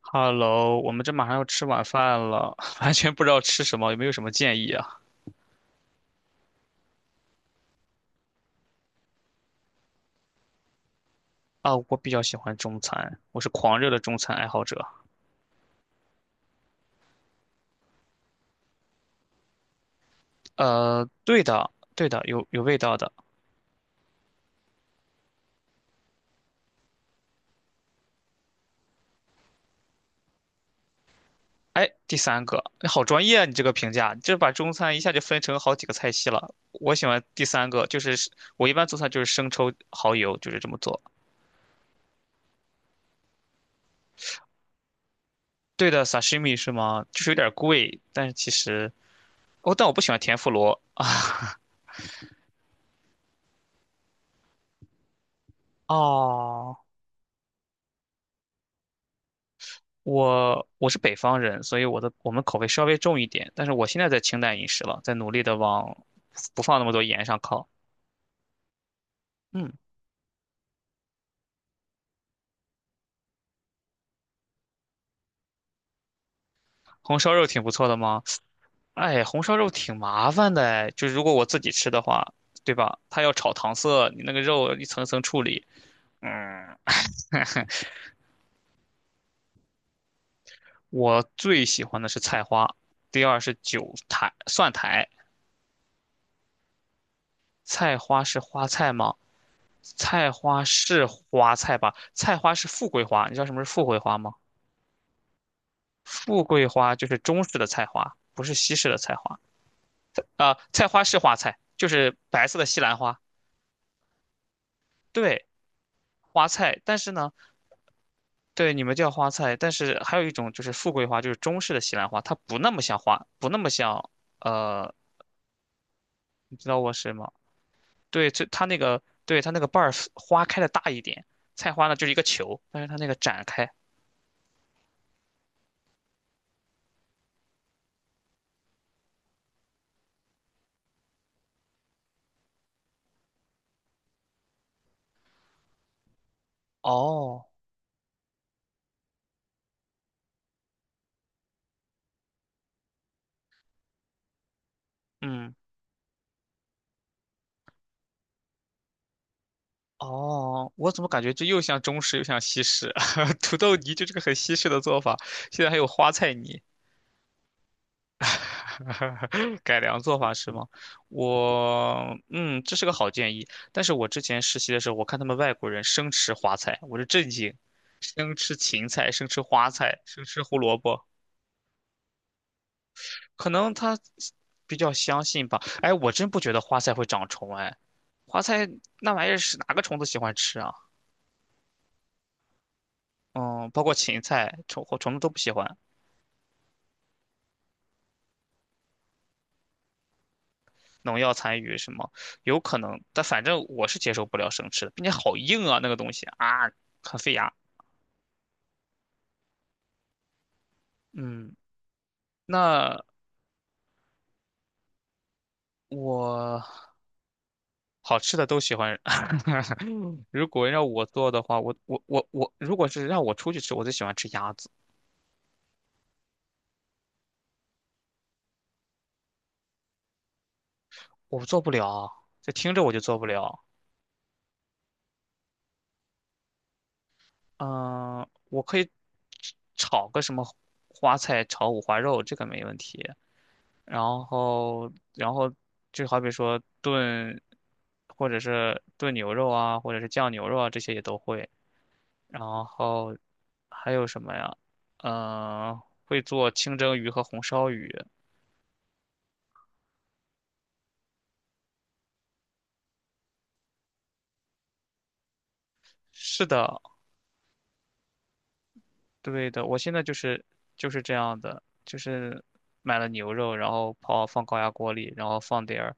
Hello，我们这马上要吃晚饭了，完全不知道吃什么，有没有什么建议啊？啊，我比较喜欢中餐，我是狂热的中餐爱好者。对的，对的，有味道的。哎，第三个，哎好专业啊！你这个评价，你这把中餐一下就分成好几个菜系了。我喜欢第三个，就是我一般做菜就是生抽、蚝油，就是这么做。对的，sashimi 是吗？就是有点贵，但是其实哦，但我不喜欢甜妇罗。哦，我是北方人，所以我们口味稍微重一点，但是我现在在清淡饮食了，在努力的往不放那么多盐上靠。嗯，红烧肉挺不错的吗？哎，红烧肉挺麻烦的哎，就是如果我自己吃的话，对吧？它要炒糖色，你那个肉一层层处理。嗯，我最喜欢的是菜花，第二是韭苔、蒜苔。菜花是花菜吗？菜花是花菜吧？菜花是富贵花，你知道什么是富贵花吗？富贵花就是中式的菜花，不是西式的菜花。菜花是花菜，就是白色的西兰花。对，花菜。但是呢，对你们叫花菜，但是还有一种就是富贵花，就是中式的西兰花，它不那么像花，不那么像呃，你知道我是吗？对，这它那个，对它那个瓣儿花开的大一点，菜花呢就是一个球，但是它那个展开。哦，嗯。哦，我怎么感觉这又像中式又像西式？土豆泥就是个很西式的做法，现在还有花菜泥，改良做法是吗？这是个好建议。但是我之前实习的时候，我看他们外国人生吃花菜，我就震惊，生吃芹菜，生吃花菜，生吃胡萝卜，可能他比较相信吧。哎，我真不觉得花菜会长虫，哎，花菜那玩意儿是哪个虫子喜欢吃啊？嗯，包括芹菜，虫子都不喜欢。农药残余什么，有可能，但反正我是接受不了生吃的，并且好硬啊，那个东西啊，很费牙。嗯，那我好吃的都喜欢。如果让我做的话，我我我我，如果是让我出去吃，我最喜欢吃鸭子，我做不了，这听着我就做不了。嗯、我可以炒个什么花菜炒五花肉，这个没问题。然后就好比说炖，或者是炖牛肉啊，或者是酱牛肉啊，这些也都会。然后还有什么呀？嗯、会做清蒸鱼和红烧鱼。是的，对的，我现在就是这样的，就是买了牛肉，然后放高压锅里，然后放点儿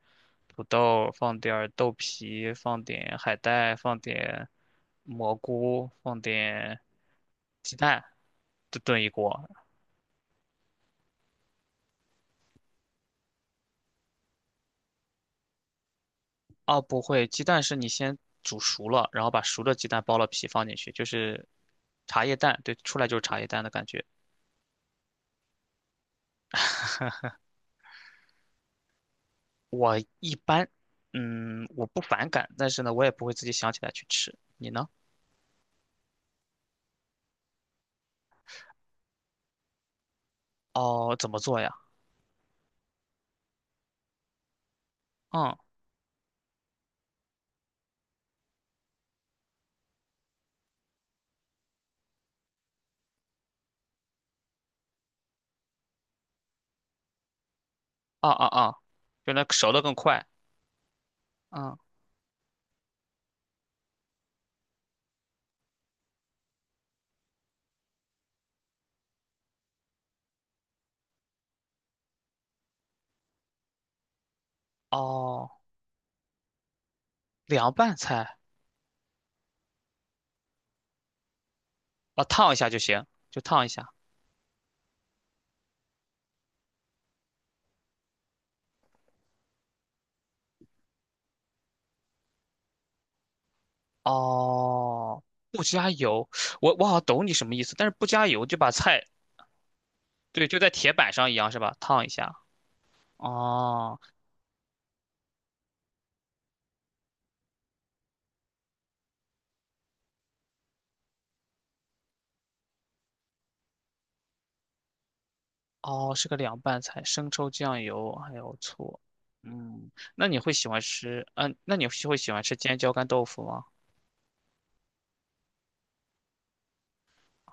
土豆，放点儿豆皮，放点海带，放点蘑菇，放点鸡蛋，就炖一锅。哦，不会，鸡蛋是你先煮熟了，然后把熟的鸡蛋剥了皮放进去，就是茶叶蛋，对，出来就是茶叶蛋的感觉。我一般，我不反感，但是呢，我也不会自己想起来去吃。你呢？哦，怎么做呀？嗯，啊啊啊，就来熟的更快。嗯，哦，凉拌菜啊，烫一下就行，就烫一下。哦，不加油，我好像懂你什么意思，但是不加油就把菜，对，就在铁板上一样是吧？烫一下。哦哦，是个凉拌菜，生抽、酱油还有醋。嗯，那你会喜欢吃？嗯、那你会喜欢吃尖椒干豆腐吗？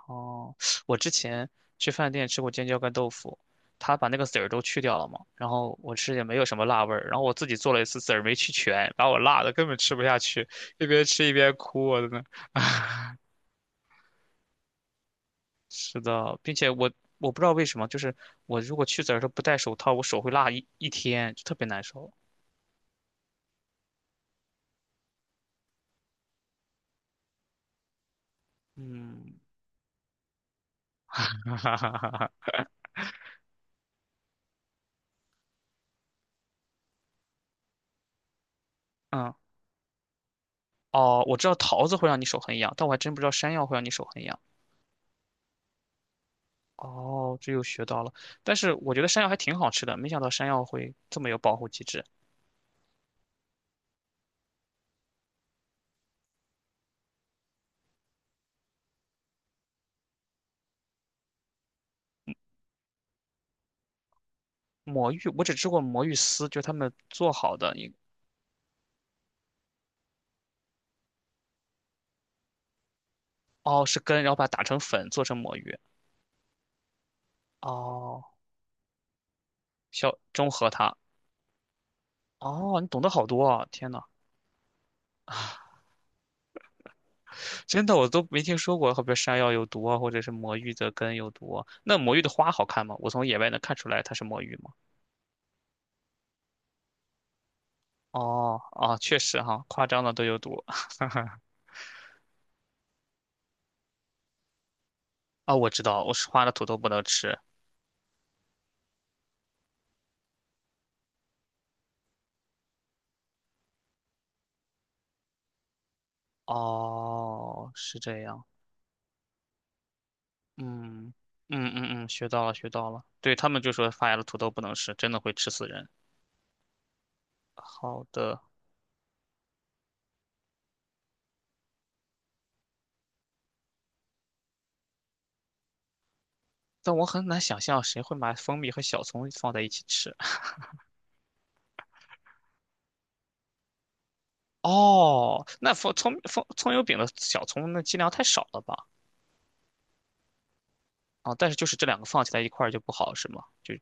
哦，我之前去饭店吃过尖椒干豆腐，他把那个籽儿都去掉了嘛，然后我吃也没有什么辣味儿，然后我自己做了一次籽儿没去全，把我辣的根本吃不下去，一边吃一边哭，我真的。是的，并且我不知道为什么，就是我如果去籽儿的时候不戴手套，我手会辣一天，就特别难受。嗯，哈哈哈哈哈。嗯，哦，我知道桃子会让你手很痒，但我还真不知道山药会让你手很痒。哦，这又学到了。但是我觉得山药还挺好吃的，没想到山药会这么有保护机制。魔芋，我只吃过魔芋丝，就是他们做好的一，哦，是根，然后把它打成粉做成魔芋。哦，小中和它。哦，你懂得好多啊！天呐，真的我都没听说过，好比山药有毒啊，或者是魔芋的根有毒啊那魔芋的花好看吗？我从野外能看出来它是魔芋吗？哦，啊，确实哈，夸张的都有毒啊！我知道，我是花的土豆不能吃。哦，是这样。嗯嗯嗯嗯，学到了学到了。对他们就说发芽的土豆不能吃，真的会吃死人。好的，但我很难想象谁会把蜂蜜和小葱放在一起吃。哦，那蜂葱蜂葱油饼的小葱那剂量太少了吧？啊，但是就是这两个放起来一块儿就不好，是吗？就。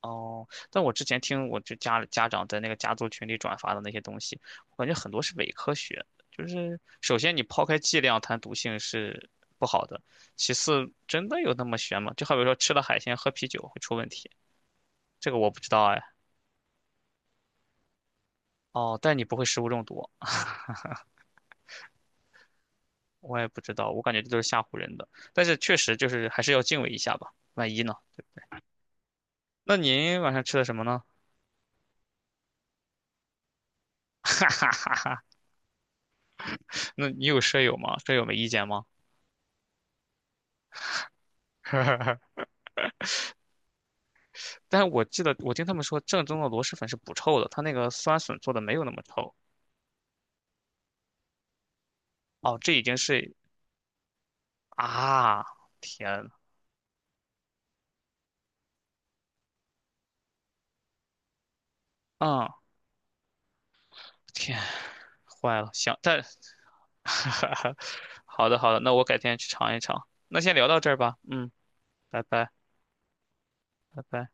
哦，但我之前听我就家长在那个家族群里转发的那些东西，我感觉很多是伪科学。就是首先你抛开剂量谈毒性是不好的，其次真的有那么悬吗？就好比说吃了海鲜喝啤酒会出问题，这个我不知道哎。哦，但你不会食物中毒，我也不知道，我感觉这都是吓唬人的。但是确实就是还是要敬畏一下吧，万一呢？那您晚上吃的什么呢？那你有舍友吗？舍友没意见吗？但是我记得我听他们说，正宗的螺蛳粉是不臭的，它那个酸笋做的没有那么臭。哦，这已经是啊，天啊，嗯天，坏了，想但，好的好的，那我改天去尝一尝。那先聊到这儿吧，嗯，拜拜拜拜。